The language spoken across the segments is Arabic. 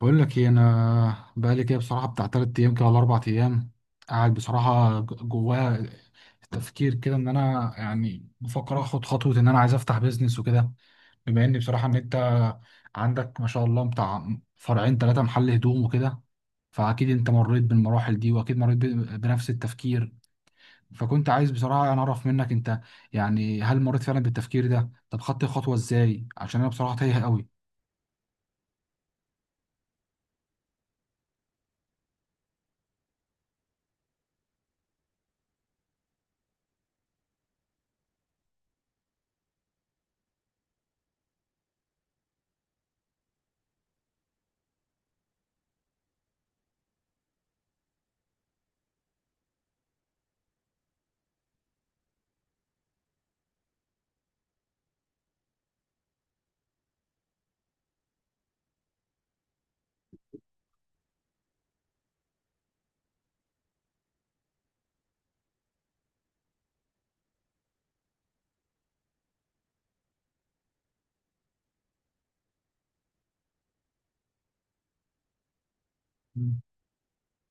بقول لك ايه؟ انا بقالي كده بصراحه بتاع تلات ايام كده ولا اربع ايام قاعد بصراحه جوايا تفكير كده ان انا يعني بفكر اخد خطوه ان انا عايز افتح بيزنس وكده، بما ان بصراحه ان انت عندك ما شاء الله بتاع فرعين ثلاثه محل هدوم وكده. فاكيد انت مريت بالمراحل دي، واكيد مريت بنفس التفكير. فكنت عايز بصراحه انا اعرف منك انت، يعني هل مريت فعلا بالتفكير ده؟ طب خدت الخطوه ازاي؟ عشان انا بصراحه تايه قوي.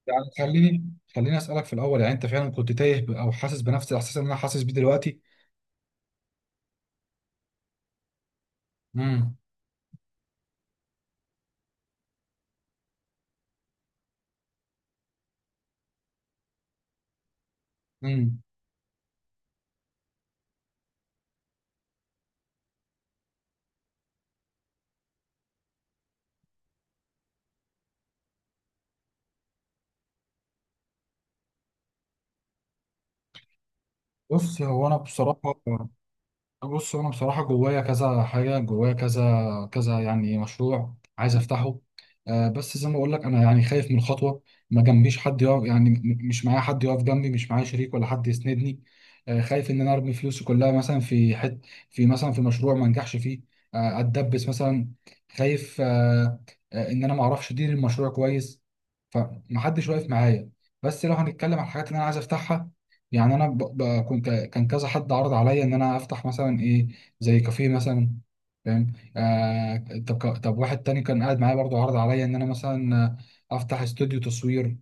يعني خليني اسالك في الاول، يعني انت فعلا كنت تايه او حاسس بنفس الاحساس اللي انا حاسس بيه دلوقتي؟ امم. امم. بص هو انا بصراحه، بص انا بصراحه جوايا كذا حاجه، جوايا كذا كذا يعني مشروع عايز افتحه. آه، بس زي ما بقول لك انا يعني خايف من الخطوه. ما جنبيش حد يقف، يعني مش معايا حد يقف جنبي، مش معايا شريك ولا حد يسندني. آه، خايف ان انا ارمي فلوسي كلها مثلا في مثلا في مشروع ما انجحش فيه، آه، اتدبس مثلا، خايف، آه ان انا ما اعرفش ادير المشروع كويس، فمحدش واقف معايا. بس لو هنتكلم على الحاجات اللي انا عايز افتحها، يعني انا كان كذا حد عرض عليا ان انا افتح مثلا ايه؟ زي كافيه مثلا، فاهم؟ طب طب واحد تاني كان قاعد معايا برضو عرض عليا ان انا مثلا، افتح استوديو تصوير.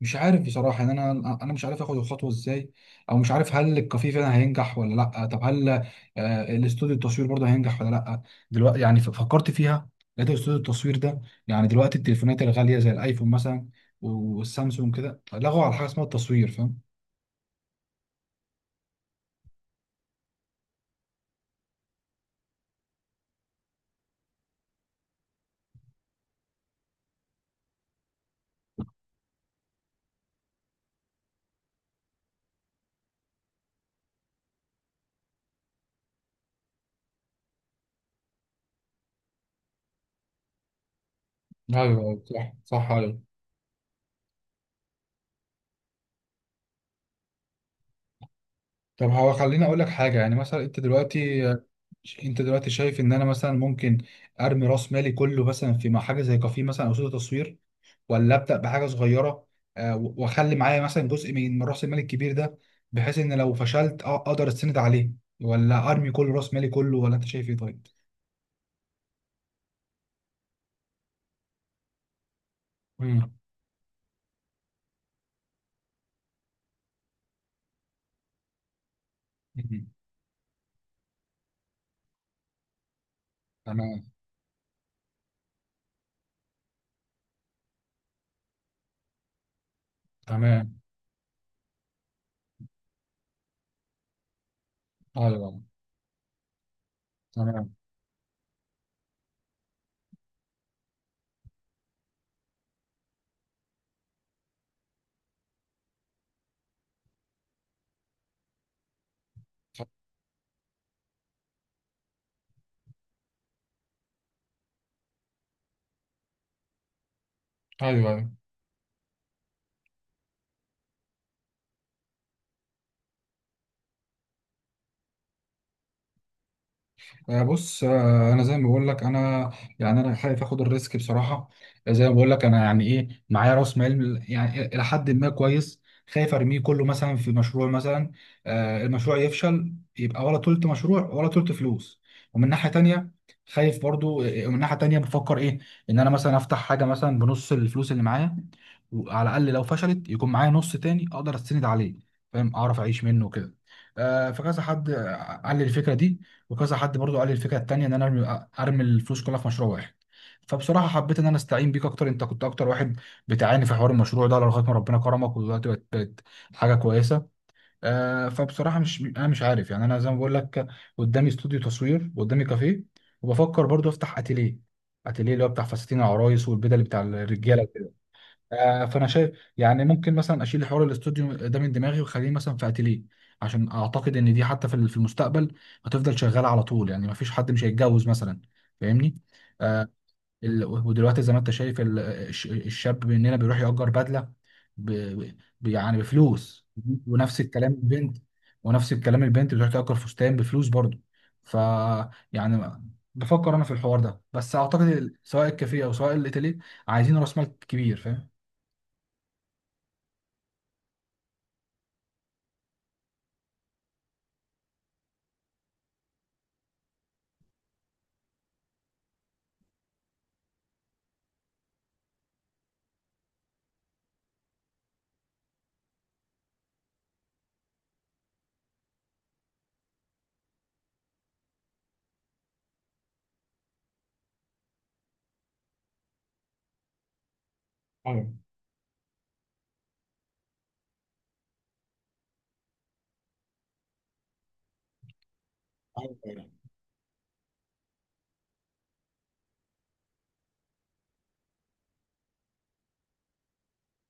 مش عارف بصراحة ان انا مش عارف اخد الخطوة ازاي، او مش عارف هل الكافيه فعلا هينجح ولا لا. طب هل الاستوديو التصوير برضه هينجح ولا لا؟ دلوقتي يعني فكرت فيها، لقيت استوديو التصوير ده. يعني دلوقتي التليفونات الغالية زي الايفون مثلا والسامسونج كده لغوا على حاجة اسمها التصوير، فاهم؟ ايوه، أيوة، صح صح، ايوه. طب هو خليني اقول لك حاجه، يعني مثلا انت دلوقتي شايف ان انا مثلا ممكن ارمي راس مالي كله مثلا مع حاجه زي كافيه مثلا او استوديو تصوير، ولا ابدا بحاجه صغيره، واخلي معايا مثلا جزء من راس المال الكبير ده، بحيث ان لو فشلت اقدر استند عليه، ولا ارمي كل راس مالي كله؟ ولا انت شايف ايه طيب؟ مم. مم. تمام. تمام. ايوه. تمام. ايوه، أيوة. بص، انا زي ما بقول لك، انا يعني انا خايف اخد الريسك بصراحه. زي ما بقول لك انا، يعني ايه، معايا راس مال يعني الى حد ما كويس، خايف ارميه كله مثلا في مشروع مثلا، المشروع يفشل يبقى ولا تلت مشروع ولا تلت فلوس. ومن ناحيه تانية خايف برضو، ومن ناحيه تانية بفكر ايه، ان انا مثلا افتح حاجه مثلا بنص الفلوس اللي معايا، وعلى الاقل لو فشلت يكون معايا نص تاني اقدر استند عليه، فاهم؟ اعرف اعيش منه كده. فكذا حد، قال لي الفكره دي، وكذا حد برضو قال لي الفكره التانيه ان انا ارمي الفلوس كلها في مشروع واحد. فبصراحه حبيت ان انا استعين بيك اكتر، انت كنت اكتر واحد بتعاني في حوار المشروع ده لغايه ما ربنا كرمك، ودلوقتي بقت حاجه كويسه. آه، فبصراحه مش انا مش عارف، يعني انا زي ما بقول لك، قدامي استوديو تصوير، قدامي كافيه، وبفكر برضو افتح اتيليه. اتيليه اللي هو بتاع فساتين العرايس والبدل بتاع الرجاله. فانا شايف يعني ممكن مثلا اشيل حوار الاستوديو ده من دماغي واخليه مثلا في اتيليه، عشان اعتقد ان دي حتى في المستقبل هتفضل شغاله على طول. يعني ما فيش حد مش هيتجوز مثلا، فاهمني؟ آه ودلوقتي زي ما انت شايف، الشاب مننا بيروح يأجر بدله ب يعني بفلوس. ونفس الكلام البنت. بتروح تأجر فستان بفلوس برضه. ف يعني بفكر انا في الحوار ده، بس اعتقد سواء الكافيه او سواء الاتيليه عايزين راس مال كبير، فاهم؟ ايوه، ايوه، ايوه،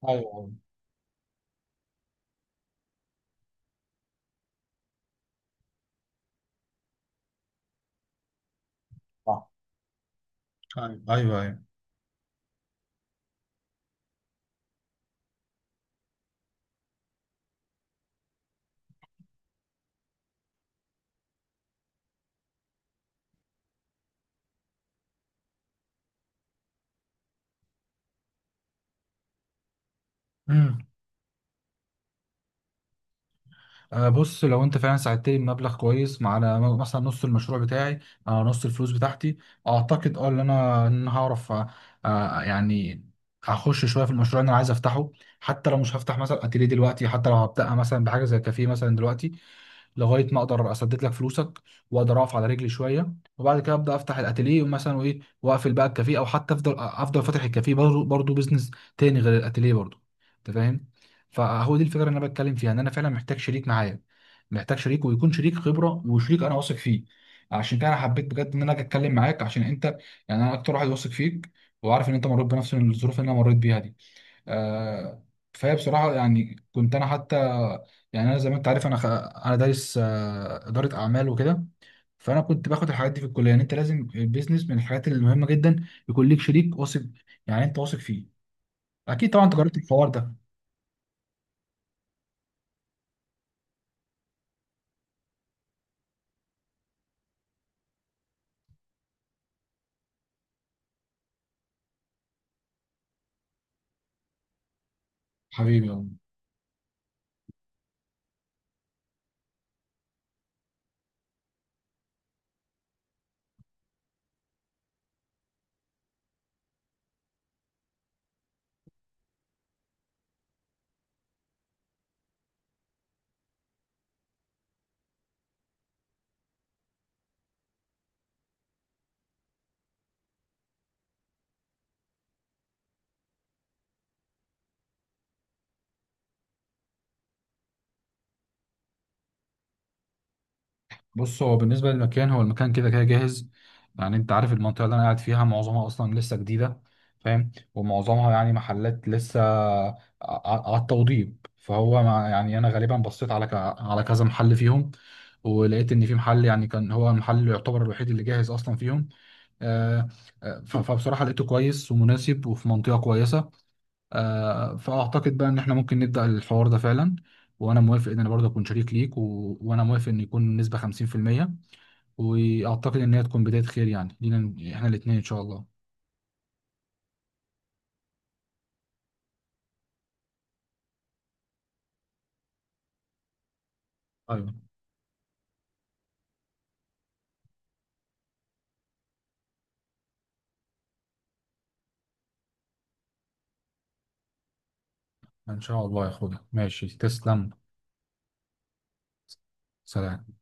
ايوه، صح. ايوه، ايوه، ايوه. امم. آه، بص، لو انت فعلا ساعدتني بمبلغ كويس على مثلا نص المشروع بتاعي، آه، نص الفلوس بتاعتي، اعتقد ان انا هعرف، يعني اخش شويه في المشروع اللي انا عايز افتحه. حتى لو مش هفتح مثلا اتيليه دلوقتي، حتى لو هبدأ مثلا بحاجه زي كافيه مثلا دلوقتي، لغايه ما اقدر اسدد لك فلوسك، واقدر اقف على رجلي شويه، وبعد كده ابدا افتح الاتيليه مثلا، وايه، واقفل بقى الكافيه، او حتى افضل فاتح الكافيه برضه، بزنس تاني غير الاتيليه برضه. انت فاهم؟ فهو دي الفكره اللي انا بتكلم فيها، ان انا فعلا محتاج شريك معايا، محتاج شريك ويكون شريك خبره وشريك انا واثق فيه. عشان كده انا حبيت بجد ان انا اجي اتكلم معاك، عشان انت، يعني انا اكتر واحد واثق فيك، وعارف ان انت مريت بنفس الظروف اللي انا مريت بيها دي. آه، فهي بصراحة، يعني كنت أنا حتى، يعني أنا زي ما أنت عارف أنا أنا دارس إدارة أعمال وكده. فأنا كنت باخد الحاجات دي في الكلية، يعني أنت لازم البيزنس من الحاجات المهمة جدا يكون ليك شريك واثق، يعني أنت واثق فيه، أكيد طبعا أنت جربت الحوار ده. حبيبي. بص، هو بالنسبة للمكان، هو المكان كده كده جاهز. يعني انت عارف المنطقة اللي انا قاعد فيها معظمها اصلا لسه جديدة، فاهم؟ ومعظمها يعني محلات لسه على التوضيب. فهو مع يعني انا غالبا بصيت على على كذا محل فيهم، ولقيت ان في محل يعني كان هو المحل اللي يعتبر الوحيد اللي جاهز اصلا فيهم، آه، فبصراحة لقيته كويس ومناسب وفي منطقة كويسة. فاعتقد بقى ان احنا ممكن نبدأ الحوار ده فعلا، وانا موافق ان انا برضه اكون شريك ليك، وانا موافق ان يكون النسبة 50%، واعتقد ان هي تكون بدايه خير يعني لينا احنا الاثنين ان شاء الله. ايوه، ان شاء الله يا اخويا. ماشي، تسلم. سلام.